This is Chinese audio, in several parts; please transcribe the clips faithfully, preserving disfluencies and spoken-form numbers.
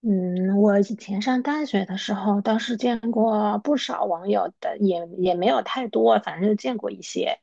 嗯，我以前上大学的时候倒是见过不少网友的，也也没有太多，反正就见过一些。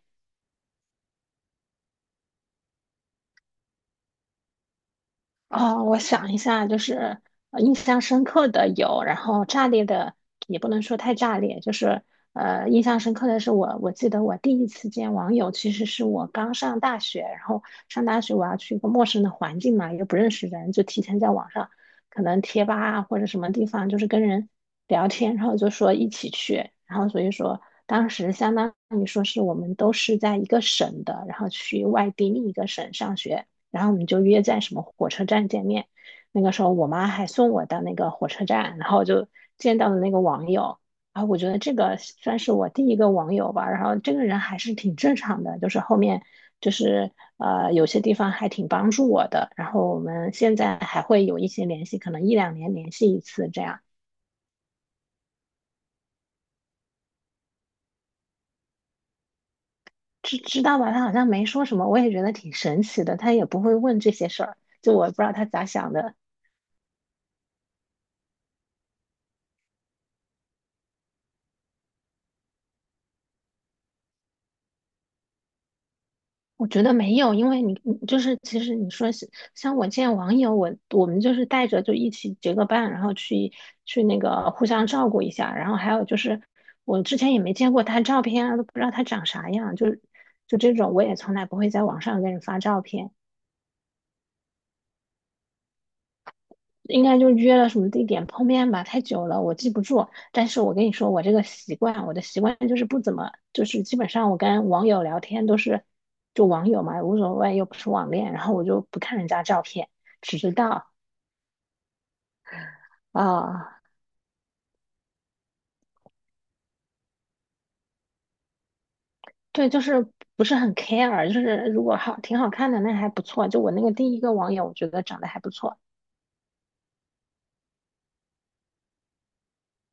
哦，我想一下，就是呃印象深刻的有，然后炸裂的也不能说太炸裂，就是呃，印象深刻的是我，我记得我第一次见网友，其实是我刚上大学，然后上大学我要去一个陌生的环境嘛，又不认识人，就提前在网上可能贴吧啊或者什么地方，就是跟人聊天，然后就说一起去，然后所以说当时相当于说是我们都是在一个省的，然后去外地另一个省上学。然后我们就约在什么火车站见面。那个时候我妈还送我到那个火车站，然后就见到了那个网友。然后我觉得这个算是我第一个网友吧。然后这个人还是挺正常的，就是后面就是呃有些地方还挺帮助我的。然后我们现在还会有一些联系，可能一两年联系一次这样。知知道吧？他好像没说什么，我也觉得挺神奇的。他也不会问这些事儿，就我不知道他咋想的。我觉得没有，因为你你就是其实你说是像我见网友，我我们就是带着就一起结个伴，然后去去那个互相照顾一下，然后还有就是我之前也没见过他照片啊，都不知道他长啥样，就就这种我也从来不会在网上给人发照片。应该就约了什么地点碰面吧，太久了，我记不住。但是我跟你说，我这个习惯，我的习惯就是不怎么，就是基本上我跟网友聊天都是就网友嘛，无所谓，又不是网恋，然后我就不看人家照片，只知道啊，对，就是不是很 care，就是如果好挺好看的那还不错，就我那个第一个网友，我觉得长得还不错。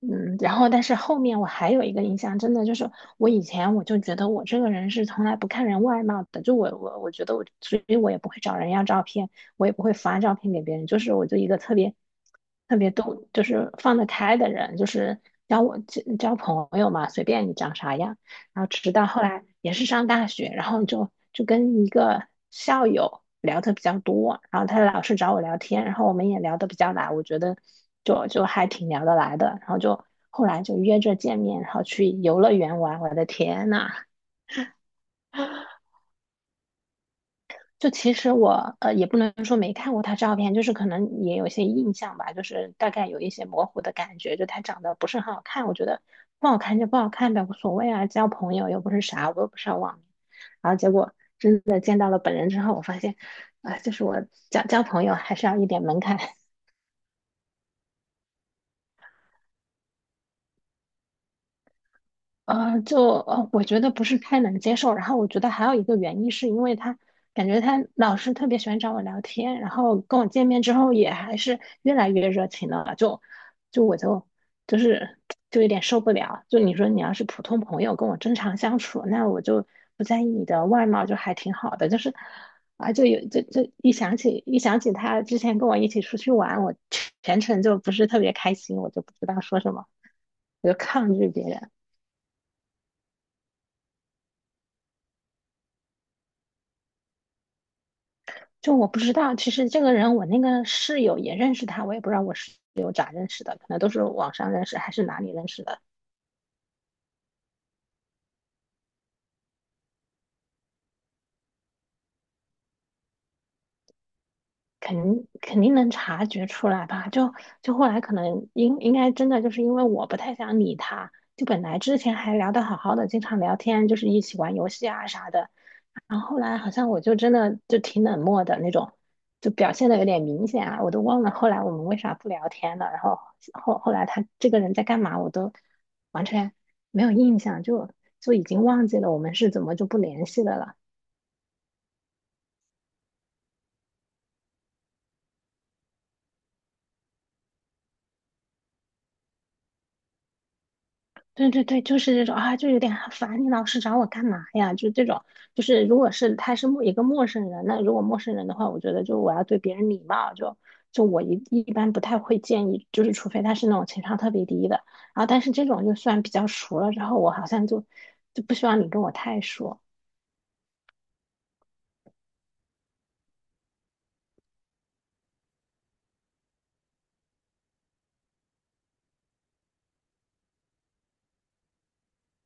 嗯，然后但是后面我还有一个印象，真的就是我以前我就觉得我这个人是从来不看人外貌的，就我我我觉得我，所以我也不会找人要照片，我也不会发照片给别人，就是我就一个特别特别都就是放得开的人，就是交我交交朋友嘛，随便你长啥样。然后直到后来也是上大学，然后就就跟一个校友聊的比较多，然后他老是找我聊天，然后我们也聊得比较来，我觉得就就还挺聊得来的，然后就后来就约着见面，然后去游乐园玩。我的天呐，就其实我呃也不能说没看过他照片，就是可能也有些印象吧，就是大概有一些模糊的感觉，就他长得不是很好看，我觉得不好看就不好看呗，无所谓啊，交朋友又不是啥，我又不是要网恋。然后结果的见到了本人之后，我发现，啊、就是我交交朋友还是要一点门槛。呃，就呃，我觉得不是太能接受。然后我觉得还有一个原因是因为他感觉他老是特别喜欢找我聊天，然后跟我见面之后也还是越来越热情了。就就我就就是就有点受不了。就你说你要是普通朋友跟我正常相处，那我就不在意你的外貌，就还挺好的。就是啊，就有就就一想起一想起他之前跟我一起出去玩，我全程就不是特别开心，我就不知道说什么，我就抗拒别人。就我不知道，其实这个人我那个室友也认识他，我也不知道我室友咋认识的，可能都是网上认识还是哪里认识的，肯肯定能察觉出来吧。就就后来可能应应该真的就是因为我不太想理他，就本来之前还聊得好好的，经常聊天，就是一起玩游戏啊啥的，然后后来好像我就真的就挺冷漠的那种，就表现的有点明显啊，我都忘了后来我们为啥不聊天了，然后后后来他这个人在干嘛，我都完全没有印象，就就已经忘记了我们是怎么就不联系的了。对对对，就是这种啊，就有点烦，你老是找我干嘛呀？就这种，就是如果是他是陌一个陌生人，那如果陌生人的话，我觉得就我要对别人礼貌，就就我一一般不太会建议，就是除非他是那种情商特别低的，然后但是这种就算比较熟了之后，我好像就就不希望你跟我太熟。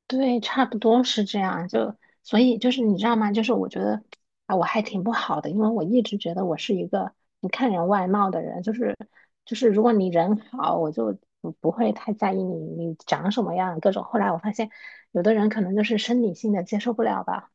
对，差不多是这样。就所以就是你知道吗？就是我觉得啊，我还挺不好的，因为我一直觉得我是一个不看人外貌的人。就是就是，如果你人好，我就不不会太在意你你长什么样各种。后来我发现，有的人可能就是生理性的接受不了吧。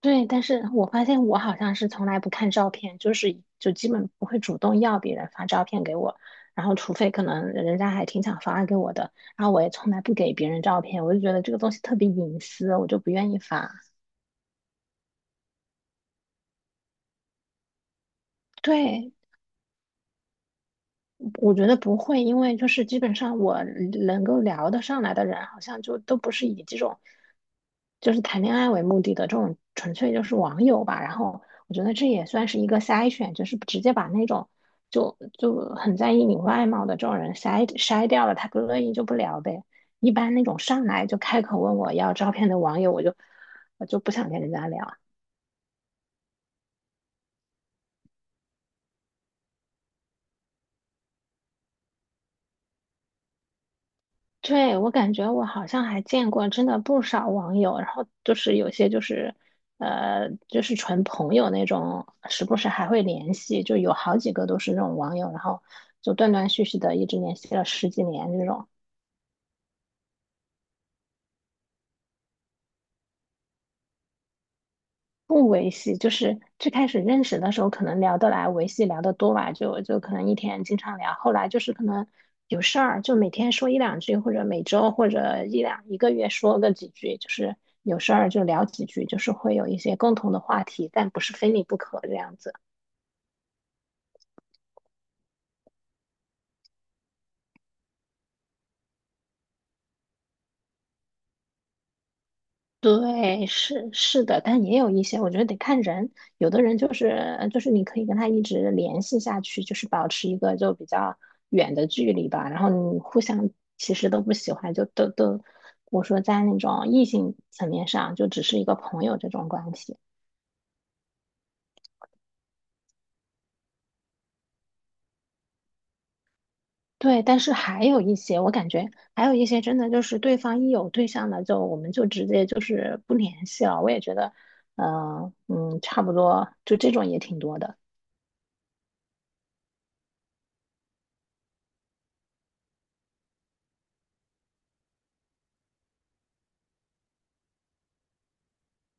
对，但是我发现我好像是从来不看照片，就是就基本不会主动要别人发照片给我，然后除非可能人家还挺想发给我的，然后我也从来不给别人照片，我就觉得这个东西特别隐私，我就不愿意发。对，我觉得不会，因为就是基本上我能够聊得上来的人，好像就都不是以这种。就是谈恋爱为目的的这种，纯粹就是网友吧。然后我觉得这也算是一个筛选，就是直接把那种就就很在意你外貌的这种人筛筛掉了，他不乐意就不聊呗。一般那种上来就开口问我要照片的网友，我就我就不想跟人家聊。对，我感觉我好像还见过真的不少网友，然后就是有些就是，呃，就是纯朋友那种，时不时还会联系，就有好几个都是那种网友，然后就断断续续的一直联系了十几年这种。不维系，就是最开始认识的时候可能聊得来，维系聊得多吧，就就可能一天经常聊。后来就是可能有事儿，就每天说一两句，或者每周或者一两一个月说个几句，就是有事儿就聊几句，就是会有一些共同的话题，但不是非你不可这样子。对，是是的，但也有一些，我觉得得看人。有的人就是就是你可以跟他一直联系下去，就是保持一个就比较远的距离吧。然后你互相其实都不喜欢，就都都，我说在那种异性层面上，就只是一个朋友这种关系。对，但是还有一些，我感觉还有一些真的就是对方一有对象了，就我们就直接就是不联系了。我也觉得，嗯、嗯，差不多，就这种也挺多的。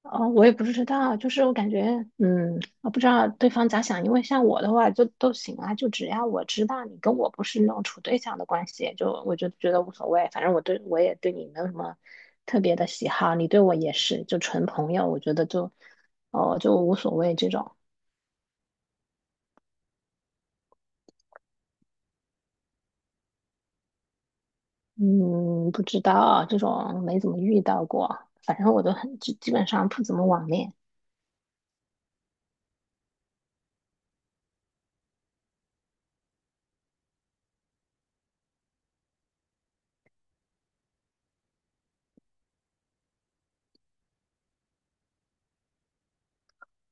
哦，我也不知道，就是我感觉，嗯，我不知道对方咋想，因为像我的话就都行啊，就只要我知道你跟我不是那种处对象的关系，就我就觉得无所谓，反正我对我也对你没有什么特别的喜好，你对我也是，就纯朋友，我觉得就，哦，就无所谓这种，嗯，不知道这种没怎么遇到过，反正我都很，基基本上不怎么网恋。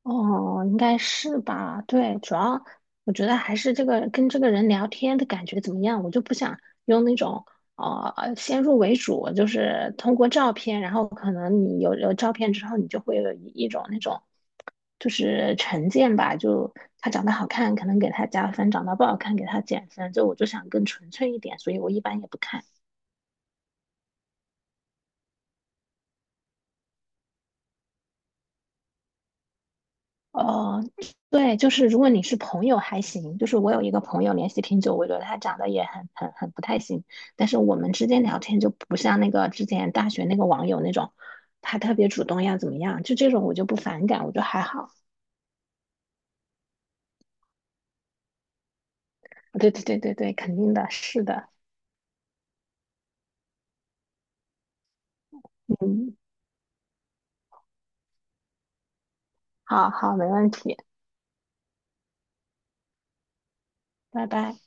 哦，应该是吧？对，主要我觉得还是这个跟这个人聊天的感觉怎么样，我就不想用那种呃先入为主，就是通过照片，然后可能你有有照片之后，你就会有一一种那种就是成见吧，就他长得好看，可能给他加分；长得不好看，给他减分。就我就想更纯粹一点，所以我一般也不看。哦，对，就是如果你是朋友还行，就是我有一个朋友联系挺久，我觉得他长得也很很很不太行，但是我们之间聊天就不像那个之前大学那个网友那种，他特别主动要怎么样，就这种我就不反感，我就还好。对对对对对，肯定的，是的，嗯，好好，没问题，拜拜。